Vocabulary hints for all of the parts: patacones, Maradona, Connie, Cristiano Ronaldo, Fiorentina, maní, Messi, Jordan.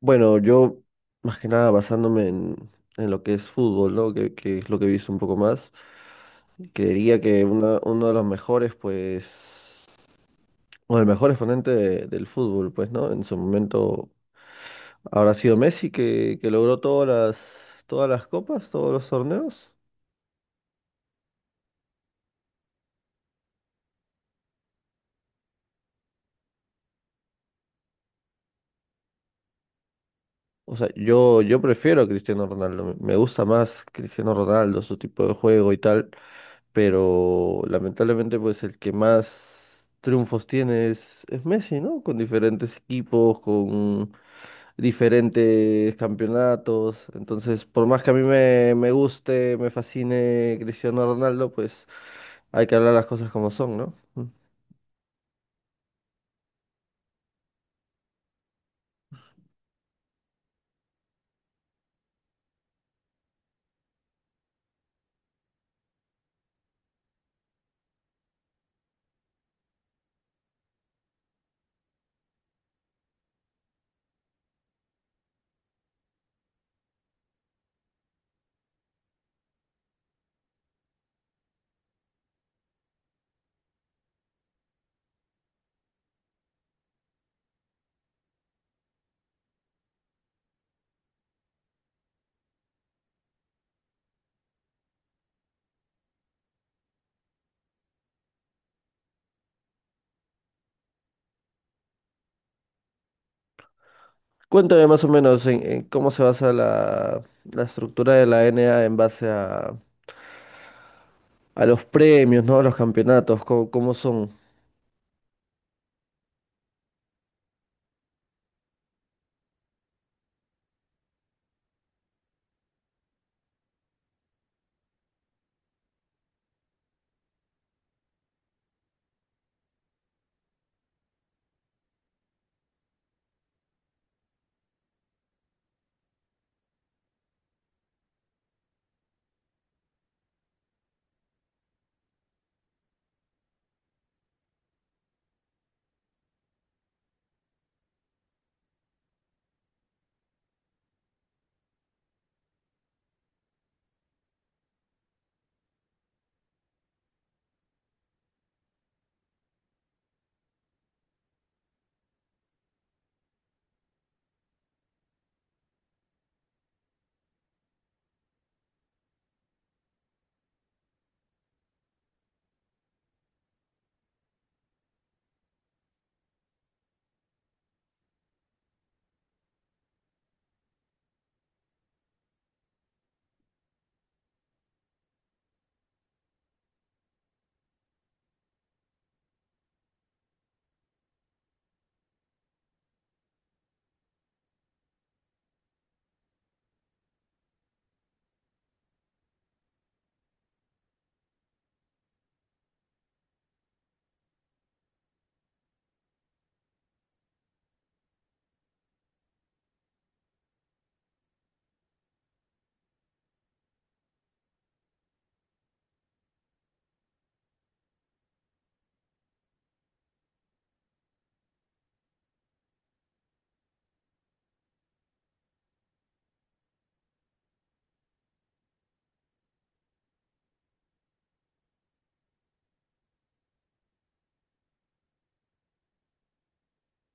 Bueno, yo más que nada basándome en lo que es fútbol, ¿no? Que es lo que he visto un poco más. Creería que uno de los mejores, pues, o el mejor exponente del fútbol, pues, ¿no? En su momento habrá sido Messi que logró todas las copas, todos los torneos. O sea, yo prefiero a Cristiano Ronaldo, me gusta más Cristiano Ronaldo, su tipo de juego y tal. Pero lamentablemente pues el que más triunfos tiene es Messi, ¿no? Con diferentes equipos, con diferentes campeonatos. Entonces, por más que a me guste, me fascine Cristiano Ronaldo, pues hay que hablar las cosas como son, ¿no? Mm. Cuéntame más o menos en cómo se basa la, la estructura de la NA en base a los premios, ¿no? A los campeonatos, cómo, cómo son.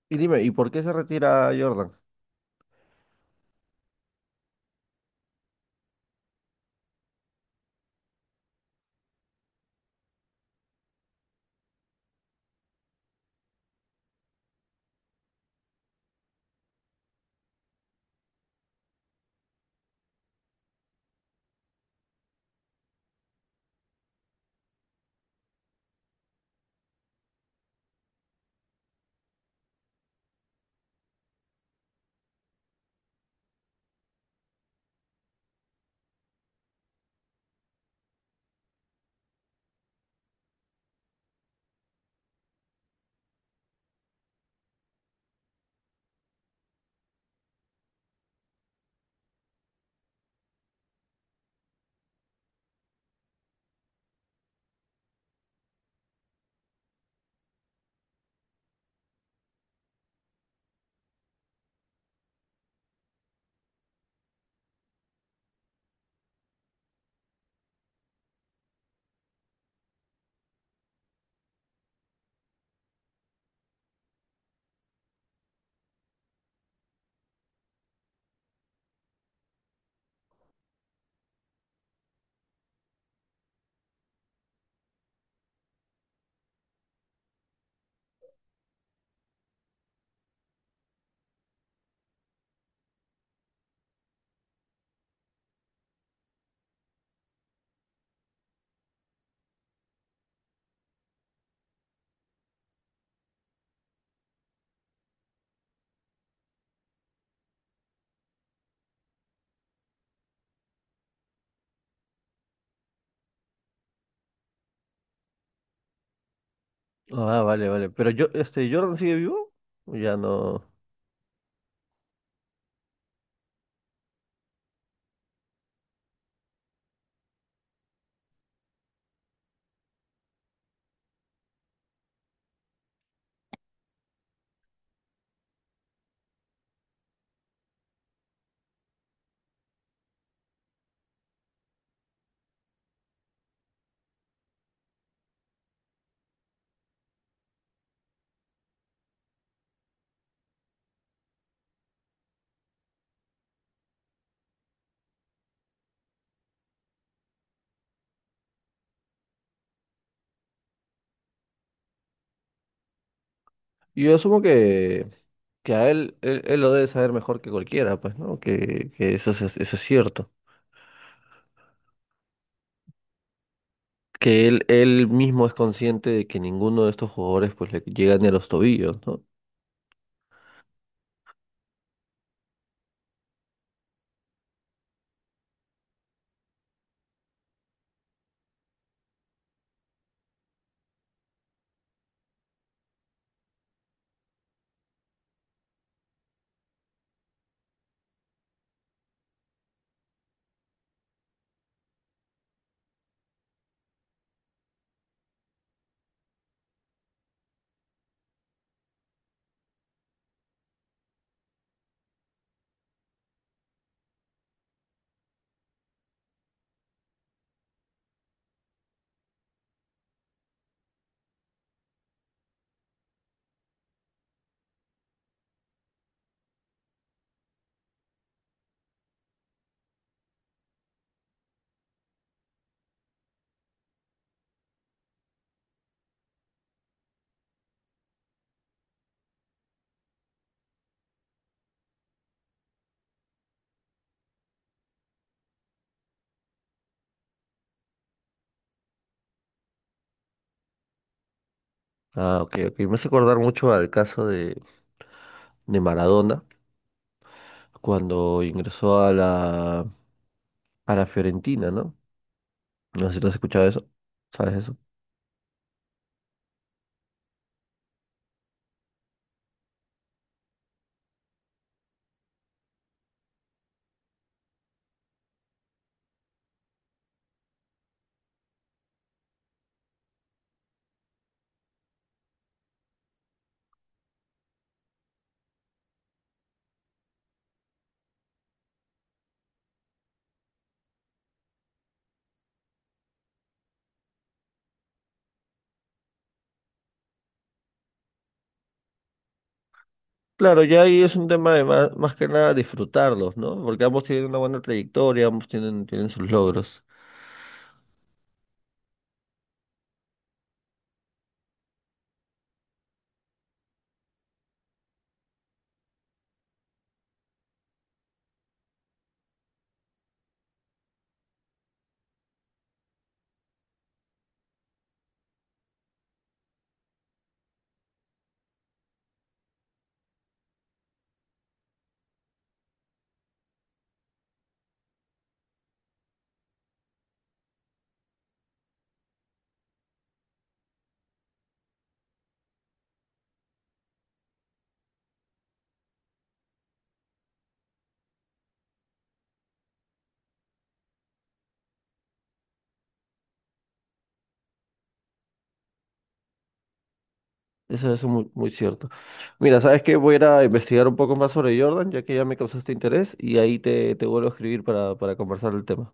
Y dime, ¿y por qué se retira Jordan? Ah, vale, vale. Pero yo, este, ¿Jordan sigue vivo? Ya no. Yo asumo que, que a él lo debe saber mejor que cualquiera, pues, ¿no? Que eso es cierto. Que él mismo es consciente de que ninguno de estos jugadores pues le llega ni a los tobillos, ¿no? Ah, ok, ok. Me hace acordar mucho al caso de Maradona cuando ingresó a la Fiorentina, ¿no? No sé si tú has escuchado eso. ¿Sabes eso? Claro, ya ahí es un tema de más, más que nada disfrutarlos, ¿no? Porque ambos tienen una buena trayectoria, ambos tienen, tienen sus logros. Eso es muy, muy cierto. Mira, ¿sabes qué? Voy a ir a investigar un poco más sobre Jordan, ya que ya me causaste interés, y ahí te, te vuelvo a escribir para conversar el tema.